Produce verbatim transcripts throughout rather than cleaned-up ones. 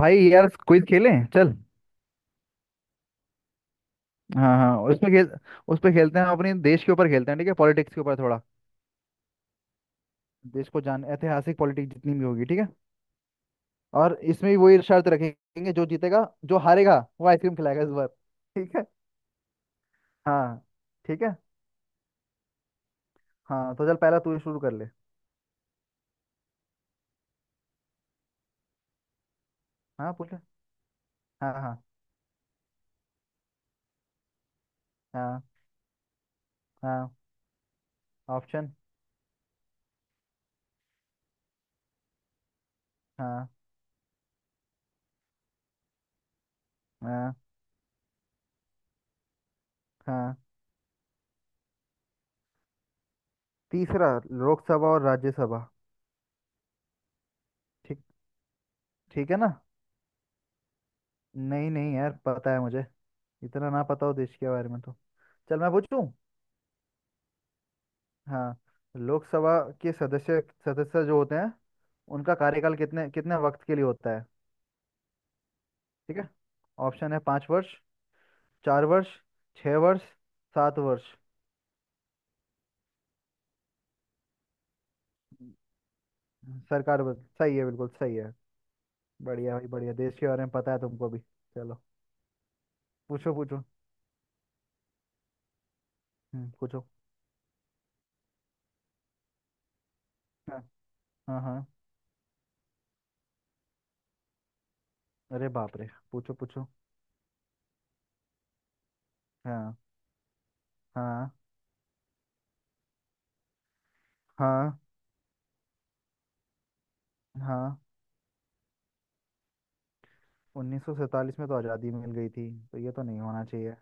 भाई यार क्विज खेलें चल। हाँ हाँ उसमें खेल। उस पे खेलते हैं, हम अपने देश के ऊपर खेलते हैं ठीक है, पॉलिटिक्स के ऊपर थोड़ा। देश को जान, ऐतिहासिक पॉलिटिक्स जितनी भी होगी, ठीक है। और इसमें भी वही शर्त रखेंगे, जो जीतेगा जो हारेगा वो आइसक्रीम खिलाएगा इस बार। ठीक है। हाँ ठीक है। हाँ तो चल, पहला तू ही शुरू कर ले। हाँ पूछ ले। हाँ हाँ। हाँ हाँ, ऑप्शन। हाँ हाँ। हाँ, तीसरा, लोकसभा और राज्यसभा। ठीक। ठीक है ना। नहीं नहीं यार, पता है मुझे। इतना ना पता हो देश के बारे में तो। चल मैं पूछूं। हाँ, लोकसभा के सदस्य सदस्य जो होते हैं, उनका कार्यकाल कितने कितने वक्त के लिए होता है। ठीक है। ऑप्शन है, पाँच वर्ष। चार वर्ष। छः वर्ष। सात वर्ष। सरकार बद- सही है, बिल्कुल सही है। बढ़िया भाई बढ़िया, देश के बारे में पता है तुमको भी। चलो। पूछो पूछो। हम्म पूछो। हाँ हाँ हाँ। अरे बाप रे, पूछो पूछो। हाँ हाँ हाँ हाँ। उन्नीस सौ सैंतालीस में तो आज़ादी मिल गई थी, तो ये तो नहीं होना चाहिए।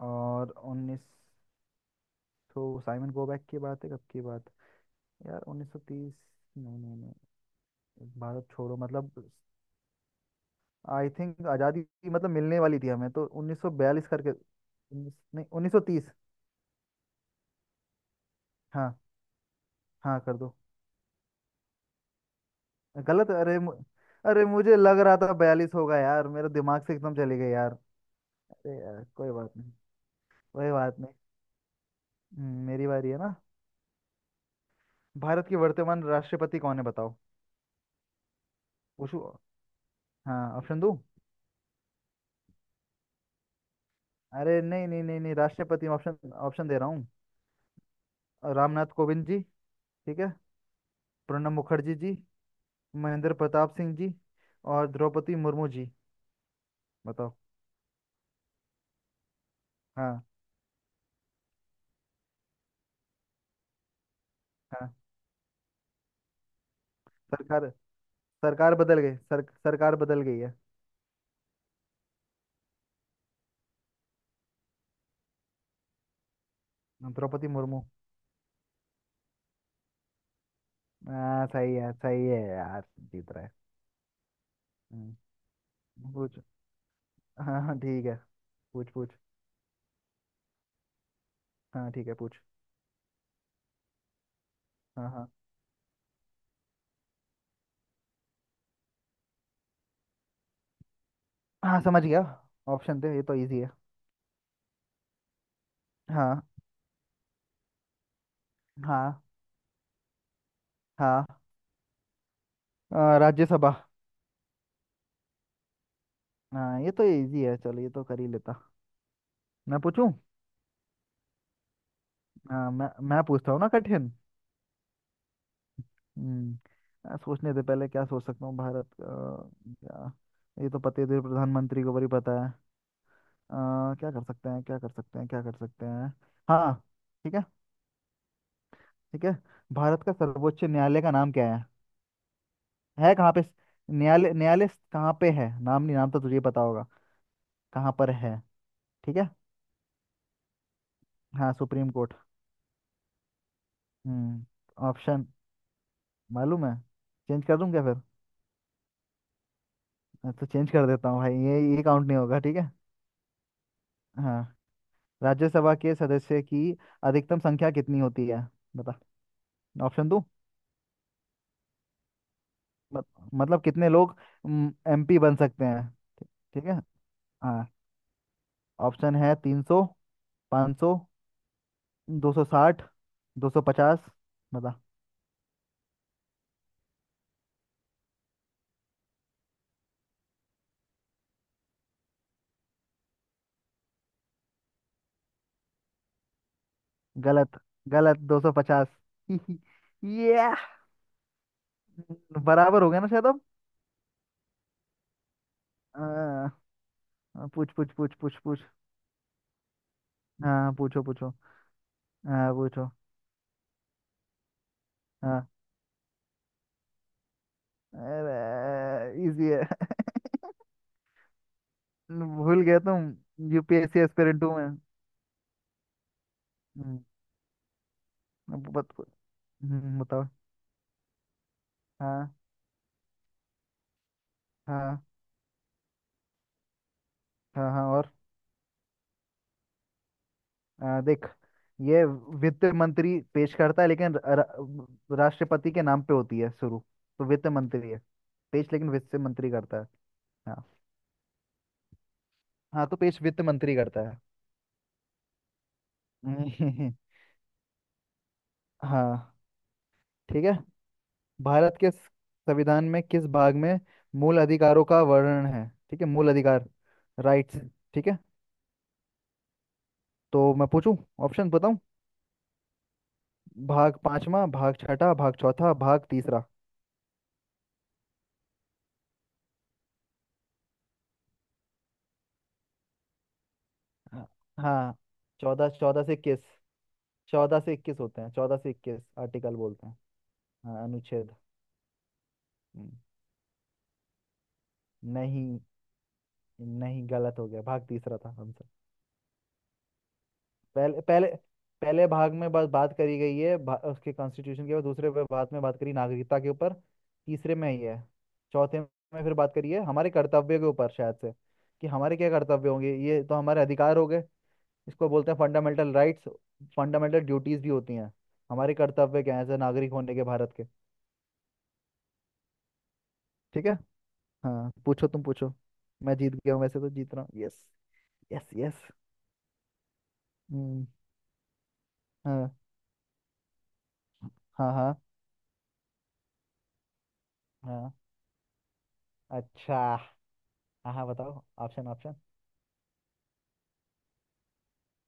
और उन्नीस तो साइमन गोबैक की बात है, कब की बात है? यार उन्नीस सौ तीस। नहीं नहीं नहीं। भारत छोड़ो मतलब, आई थिंक आज़ादी मतलब मिलने वाली थी हमें, तो उन्नीस सौ बयालीस करके। उन्नीस नहीं, उन्नीस सौ तीस। हाँ हाँ कर दो। गलत। अरे मु- अरे मुझे लग रहा था बयालीस होगा यार, मेरे दिमाग से एकदम चली गई यार। अरे यार कोई बात नहीं। कोई बात नहीं। हम्म, मेरी बारी है ना। भारत के वर्तमान राष्ट्रपति कौन है, बताओ। पूछू। हाँ ऑप्शन दूं। अरे नहीं नहीं नहीं नहीं, राष्ट्रपति, ऑप्शन ऑप्शन दे रहा हूँ। रामनाथ कोविंद जी। ठीक है। प्रणब मुखर्जी जी। महेंद्र प्रताप सिंह जी। और द्रौपदी मुर्मू जी। बताओ। हाँ हाँ। सरकार सरकार बदल गई, सर, सरकार बदल गई है। द्रौपदी मुर्मू। हाँ, सही है सही है यार। जीत रहा है। हम्म, पूछ। हाँ हाँ ठीक है। पूछ पूछ। हाँ ठीक है, पूछ। हाँ हाँ। हाँ समझ गया। ऑप्शन थे, ये तो इजी है। हाँ हाँ। हाँ अ, राज्यसभा। हाँ, ये तो इजी है, चलो ये तो कर ही लेता। मैं पूछूं। हाँ मैं मैं पूछता हूँ ना, कठिन। हम्म। यार, सोचने से पहले क्या सोच सकता हूँ भारत का। क्या। ये तो पते थे प्रधानमंत्री को, बड़ी पता है। अ, क्या कर सकते हैं, क्या कर सकते हैं, क्या कर सकते हैं। हाँ ठीक है। ठीक है। भारत का सर्वोच्च न्यायालय का नाम क्या है है कहाँ पे। न्यायालय न्यायालय कहाँ पे है, नाम नहीं, नाम तो तुझे पता होगा। कहाँ पर है। ठीक है। हाँ, सुप्रीम कोर्ट। हम्म। ऑप्शन। मालूम है। चेंज कर दूँ क्या फिर। तो चेंज कर देता हूँ भाई, ये ये काउंट नहीं होगा, ठीक है। हाँ, राज्यसभा के सदस्य की अधिकतम संख्या कितनी होती है, बता। ऑप्शन दूं। मत, मतलब कितने लोग एमपी बन सकते हैं। ठी- ठीक है। हाँ, ऑप्शन है, तीन सौ। पाँच सौ। दो सौ साठ। दो सौ पचास। बता। गलत गलत, दो सौ पचास। ये बराबर हो गया ना शायद अब। आ, पूछ पूछ पूछ पूछ पूछ। हाँ पूछो पूछो। हाँ पूछो। हाँ, अरे इजी है। भूल गया तुम। यूपीएससी एस्पिरेंट हूँ। हम्म, अब बत, हम्म, बताओ। हाँ हाँ हाँ हाँ और। आ, देख। ये वित्त मंत्री पेश करता है, लेकिन र- र- राष्ट्रपति के नाम पे होती है शुरू। तो वित्त मंत्री है पेश, लेकिन वित्त मंत्री करता है। हाँ हाँ, तो पेश वित्त मंत्री करता है। हम्म, हाँ ठीक है। भारत के संविधान में किस भाग में मूल अधिकारों का वर्णन है, ठीक है, मूल अधिकार, राइट्स। ठीक है। तो मैं पूछूं। ऑप्शन बताऊं। भाग पांचवा। भाग छठा। भाग चौथा। भाग तीसरा। हाँ हाँ। चौदह चौदह से इक्कीस। चौदह से इक्कीस होते हैं, चौदह से इक्कीस आर्टिकल बोलते हैं। हाँ, अनुच्छेद। हम्म, नहीं नहीं, गलत हो गया, भाग तीसरा था आंसर। पहले पहले, पहले भाग में बस बात करी गई है, भा- उसके कॉन्स्टिट्यूशन के ऊपर। दूसरे पे बात में बात करी, नागरिकता के ऊपर। तीसरे में ही है। चौथे में फिर बात करी है हमारे कर्तव्य के ऊपर शायद से। कि हमारे क्या कर्तव्य होंगे, ये तो हमारे अधिकार हो गए। इसको बोलते हैं फंडामेंटल राइट्स। फंडामेंटल ड्यूटीज भी होती हैं, हमारे कर्तव्य क्या है एज नागरिक होने के भारत के। ठीक है। हाँ पूछो, तुम पूछो। मैं जीत गया हूँ वैसे, तो जीत रहा हूँ, यस। Yes yes. हम्म। हाँ हाँ हाँ हाँ। अच्छा। हाँ हाँ, बताओ, ऑप्शन ऑप्शन।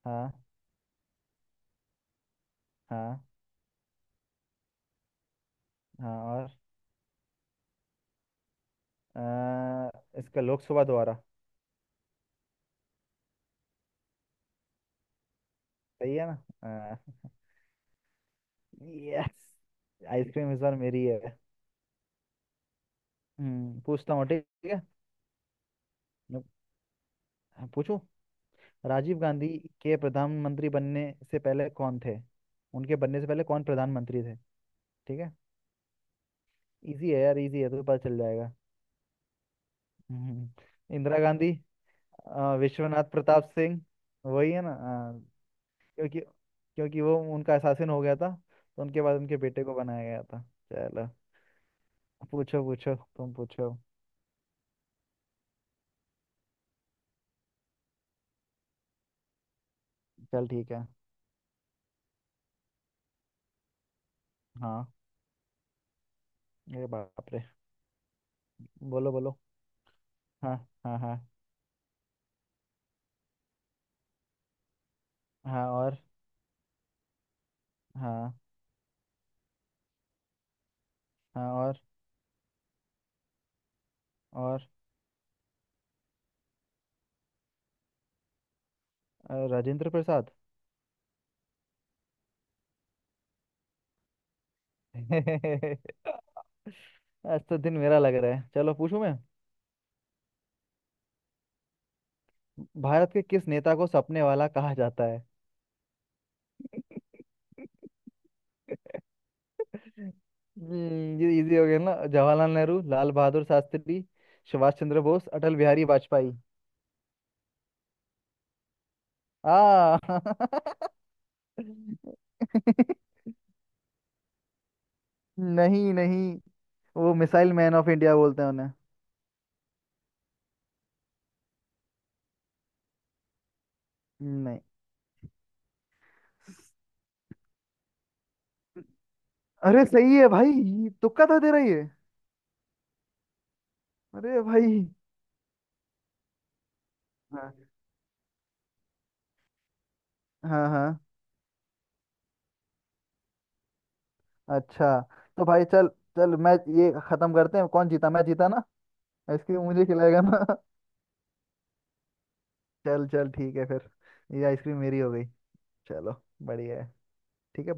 हाँ हाँ हाँ और। अ, इसका लोकसभा द्वारा। सही है ना। यस। आइसक्रीम इस बार मेरी है। हम्म पूछता हूँ, ठीक है। मैं पूछूं। राजीव गांधी के प्रधानमंत्री बनने से पहले कौन थे। उनके बनने से पहले कौन प्रधानमंत्री थे। ठीक है। इजी है यार, इजी है तो पता चल जाएगा। हम्म, इंदिरा गांधी। अ, विश्वनाथ प्रताप सिंह। वही है ना, अ, क्योंकि क्योंकि वो उनका शासन हो गया था। तो उनके बाद उनके बेटे को बनाया गया था। चलो पूछो पूछो, तुम पूछो। चल ठीक है। हाँ, ये बाप रे, बोलो बोलो। हाँ हाँ हाँ हाँ और। हाँ हाँ और और अ, राजेंद्र प्रसाद। आज तो दिन मेरा लग रहा है, चलो पूछूं मैं। भारत के किस नेता को सपने वाला कहा जाता है। हम्म, ये इजी हो गया ना, जवाहरलाल नेहरू, लाल बहादुर शास्त्री, सुभाष चंद्र बोस, अटल बिहारी वाजपेयी। आ नहीं नहीं, वो मिसाइल मैन ऑफ इंडिया बोलते हैं उन्हें। नहीं, अरे सही है भाई। तुक्का तो दे रही है। अरे भाई। हाँ हाँ हाँ। अच्छा, तो भाई चल। चल मैं ये खत्म करते हैं, कौन जीता, मैं जीता ना। आइसक्रीम मुझे खिलाएगा ना। चल चल, ठीक है फिर। ये आइसक्रीम मेरी हो गई। चलो बढ़िया है। ठीक है।